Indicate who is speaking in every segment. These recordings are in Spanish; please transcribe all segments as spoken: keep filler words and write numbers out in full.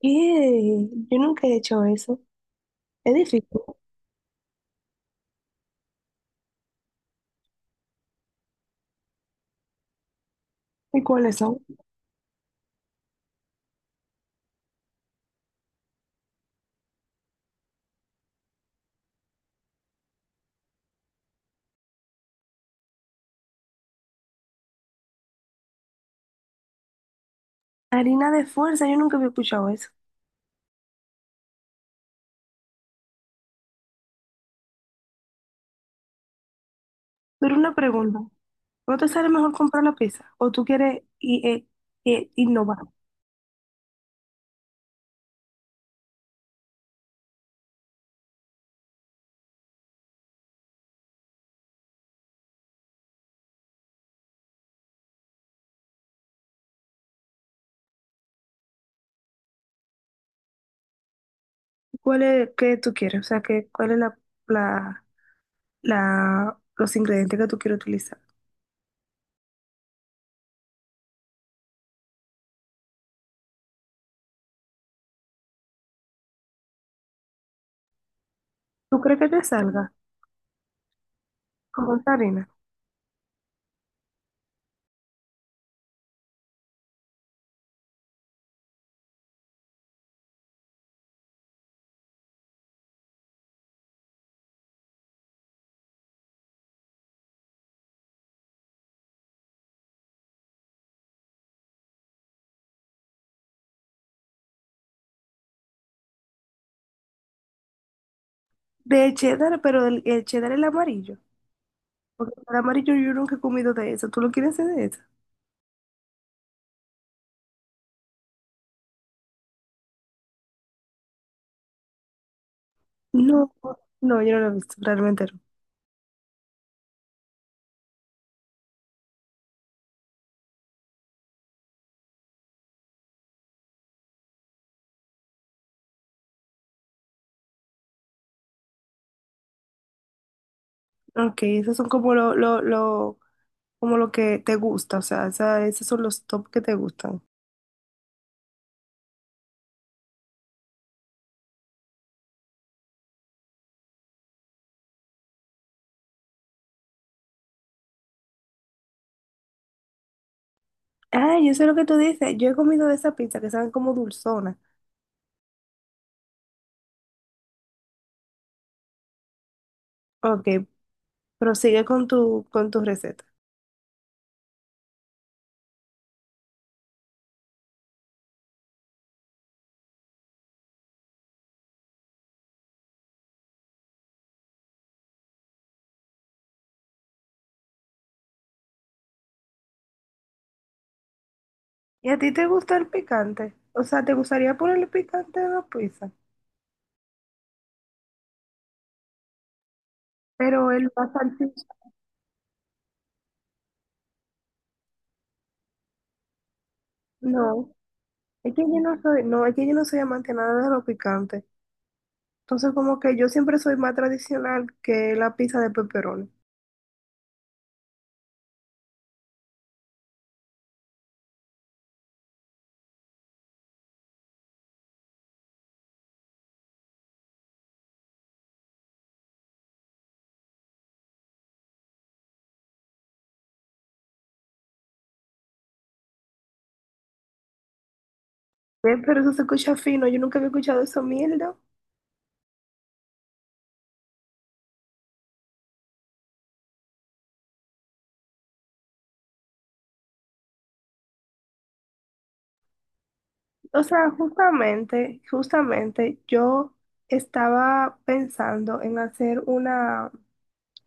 Speaker 1: ¿Qué? Yo nunca he hecho eso. Es difícil. ¿Y cuáles son? Harina de fuerza, yo nunca había escuchado eso. Pero una pregunta, ¿no te sale mejor comprar la pizza? ¿O tú quieres i- eh, eh, innovar? ¿Cuál es, qué tú quieres? O sea, ¿qué, cuál es la, la, la- los ingredientes que tú quieres utilizar? ¿Tú crees que te salga con esa harina? De cheddar, pero el, el cheddar es el amarillo. Porque el amarillo yo nunca he comido de eso. ¿Tú lo quieres hacer de eso? No, no, yo no lo he visto, realmente no. Ok, esos son como lo, lo, lo, como lo que te gusta, o sea, esa- esos son los top que te gustan. Ah, yo sé lo que tú dices, yo he comido de esa pizza que saben como dulzona. Ok, prosigue con tu, con tu receta. ¿Y a ti te gusta el picante? O sea, ¿te gustaría ponerle picante a la pizza? Pero el la salchicha, no. Es que yo no soy, no, es que yo no soy amante nada de lo picante. Entonces, como que yo siempre soy más tradicional que la pizza de pepperoni. Eh, Pero eso se escucha fino, yo nunca había escuchado eso, mierda. O sea, justamente, justamente yo estaba pensando en hacer una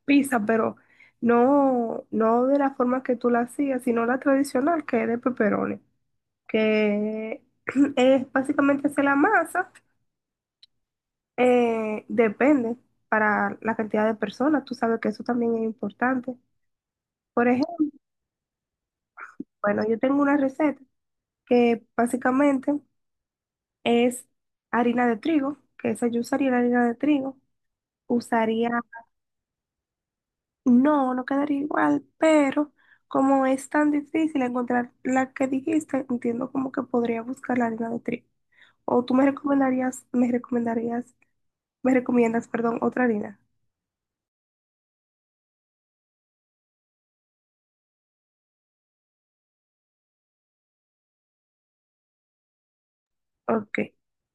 Speaker 1: pizza, pero no, no de la forma que tú la hacías, sino la tradicional, que es de pepperoni, que es básicamente hacer la masa, eh, depende para la cantidad de personas, tú sabes que eso también es importante. Por ejemplo, bueno, yo tengo una receta que básicamente es harina de trigo, que esa yo usaría la harina de trigo usaría, no, no quedaría igual, pero como es tan difícil encontrar la que dijiste, entiendo como que podría buscar la harina de trigo. O tú me recomendarías, me recomendarías, me recomiendas, perdón, otra harina. Ok,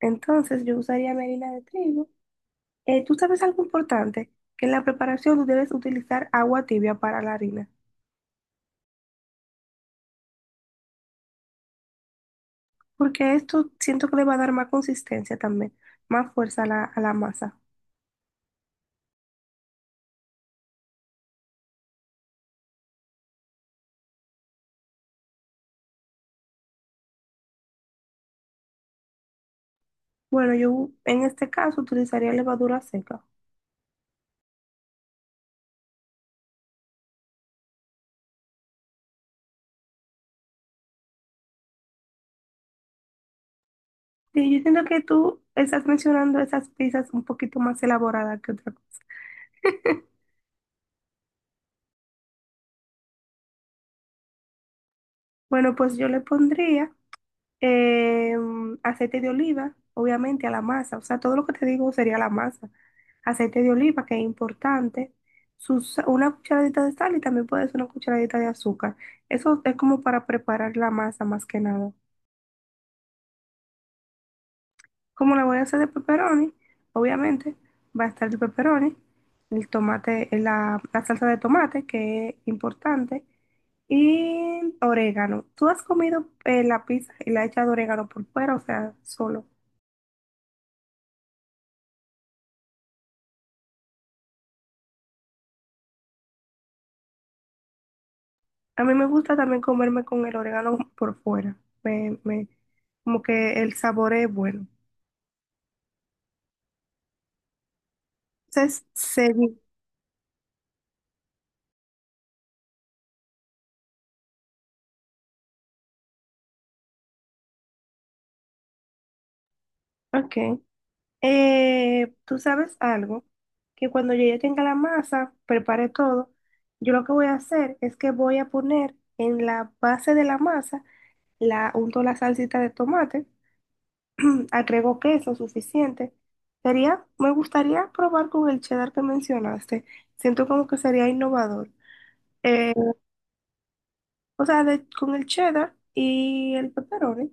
Speaker 1: entonces yo usaría mi harina de trigo. Eh, tú sabes algo importante, que en la preparación tú debes utilizar agua tibia para la harina, porque esto siento que le va a dar más consistencia también, más fuerza a la, a la masa. Bueno, yo en este caso utilizaría levadura seca. Sí, yo siento que tú estás mencionando esas pizzas un poquito más elaboradas que otra cosa. Bueno, pues yo le pondría eh, aceite de oliva, obviamente, a la masa. O sea, todo lo que te digo sería la masa. Aceite de oliva, que es importante. Sus, una cucharadita de sal y también puedes una cucharadita de azúcar. Eso es como para preparar la masa más que nada. Como la voy a hacer de pepperoni, obviamente va a estar el pepperoni, el tomate, la, la salsa de tomate, que es importante, y orégano. ¿Tú has comido eh, la pizza y la hecha de orégano por fuera, o sea, solo? A mí me gusta también comerme con el orégano por fuera. Me, me- Como que el sabor es bueno. Entonces, seguí. Ok. Eh, tú sabes algo, que cuando yo ya tenga la masa, prepare todo, yo lo que voy a hacer es que voy a poner en la base de la masa, la unto la salsita de tomate, agrego queso suficiente. Sería, me gustaría probar con el cheddar que mencionaste. Siento como que sería innovador. Eh, o sea, de- con el cheddar y el pepperoni.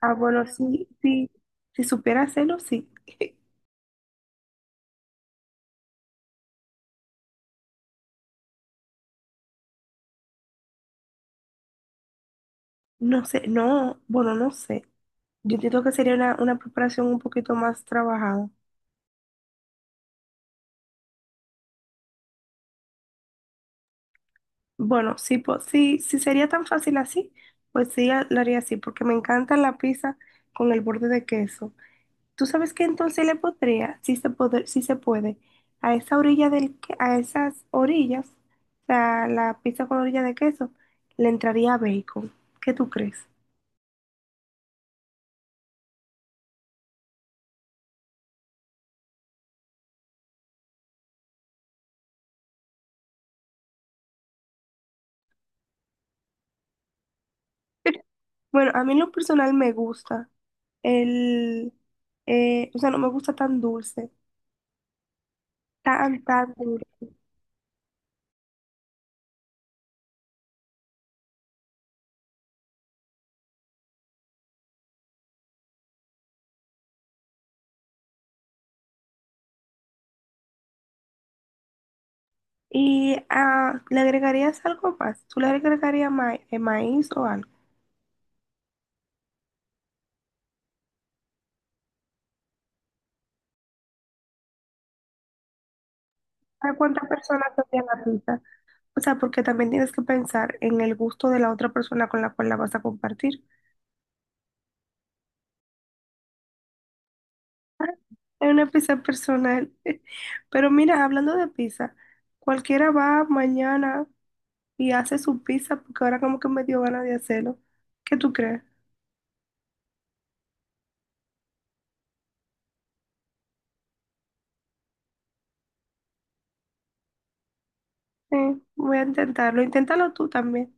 Speaker 1: Ah, bueno, sí, sí, si supiera hacerlo, sí. No sé, no, bueno, no sé. Yo entiendo que sería una, una preparación un poquito más trabajada. Bueno, sí, po- sí, si sería tan fácil así, pues sí, a- lo haría así, porque me encanta la pizza con el borde de queso. ¿Tú sabes qué entonces le podría, si se puede, si se puede, a esa orilla del, que- a esas orillas, o sea, la pizza con orilla de queso, le entraría bacon. ¿Qué tú crees? Bueno, a mí en lo personal me gusta. El, eh, o sea, no me gusta tan dulce, tan, tan dulce. Y ah, ¿le agregarías algo más? ¿Tú le agregarías ma- eh, maíz o algo? ¿Para cuántas personas hacían la pizza? O sea, porque también tienes que pensar en el gusto de la otra persona con la cual la vas a compartir. Ah, es una pizza personal. Pero mira, hablando de pizza, cualquiera va mañana y hace su pizza porque ahora como que me dio ganas de hacerlo. ¿Qué tú crees? Sí, voy a intentarlo. Inténtalo tú también.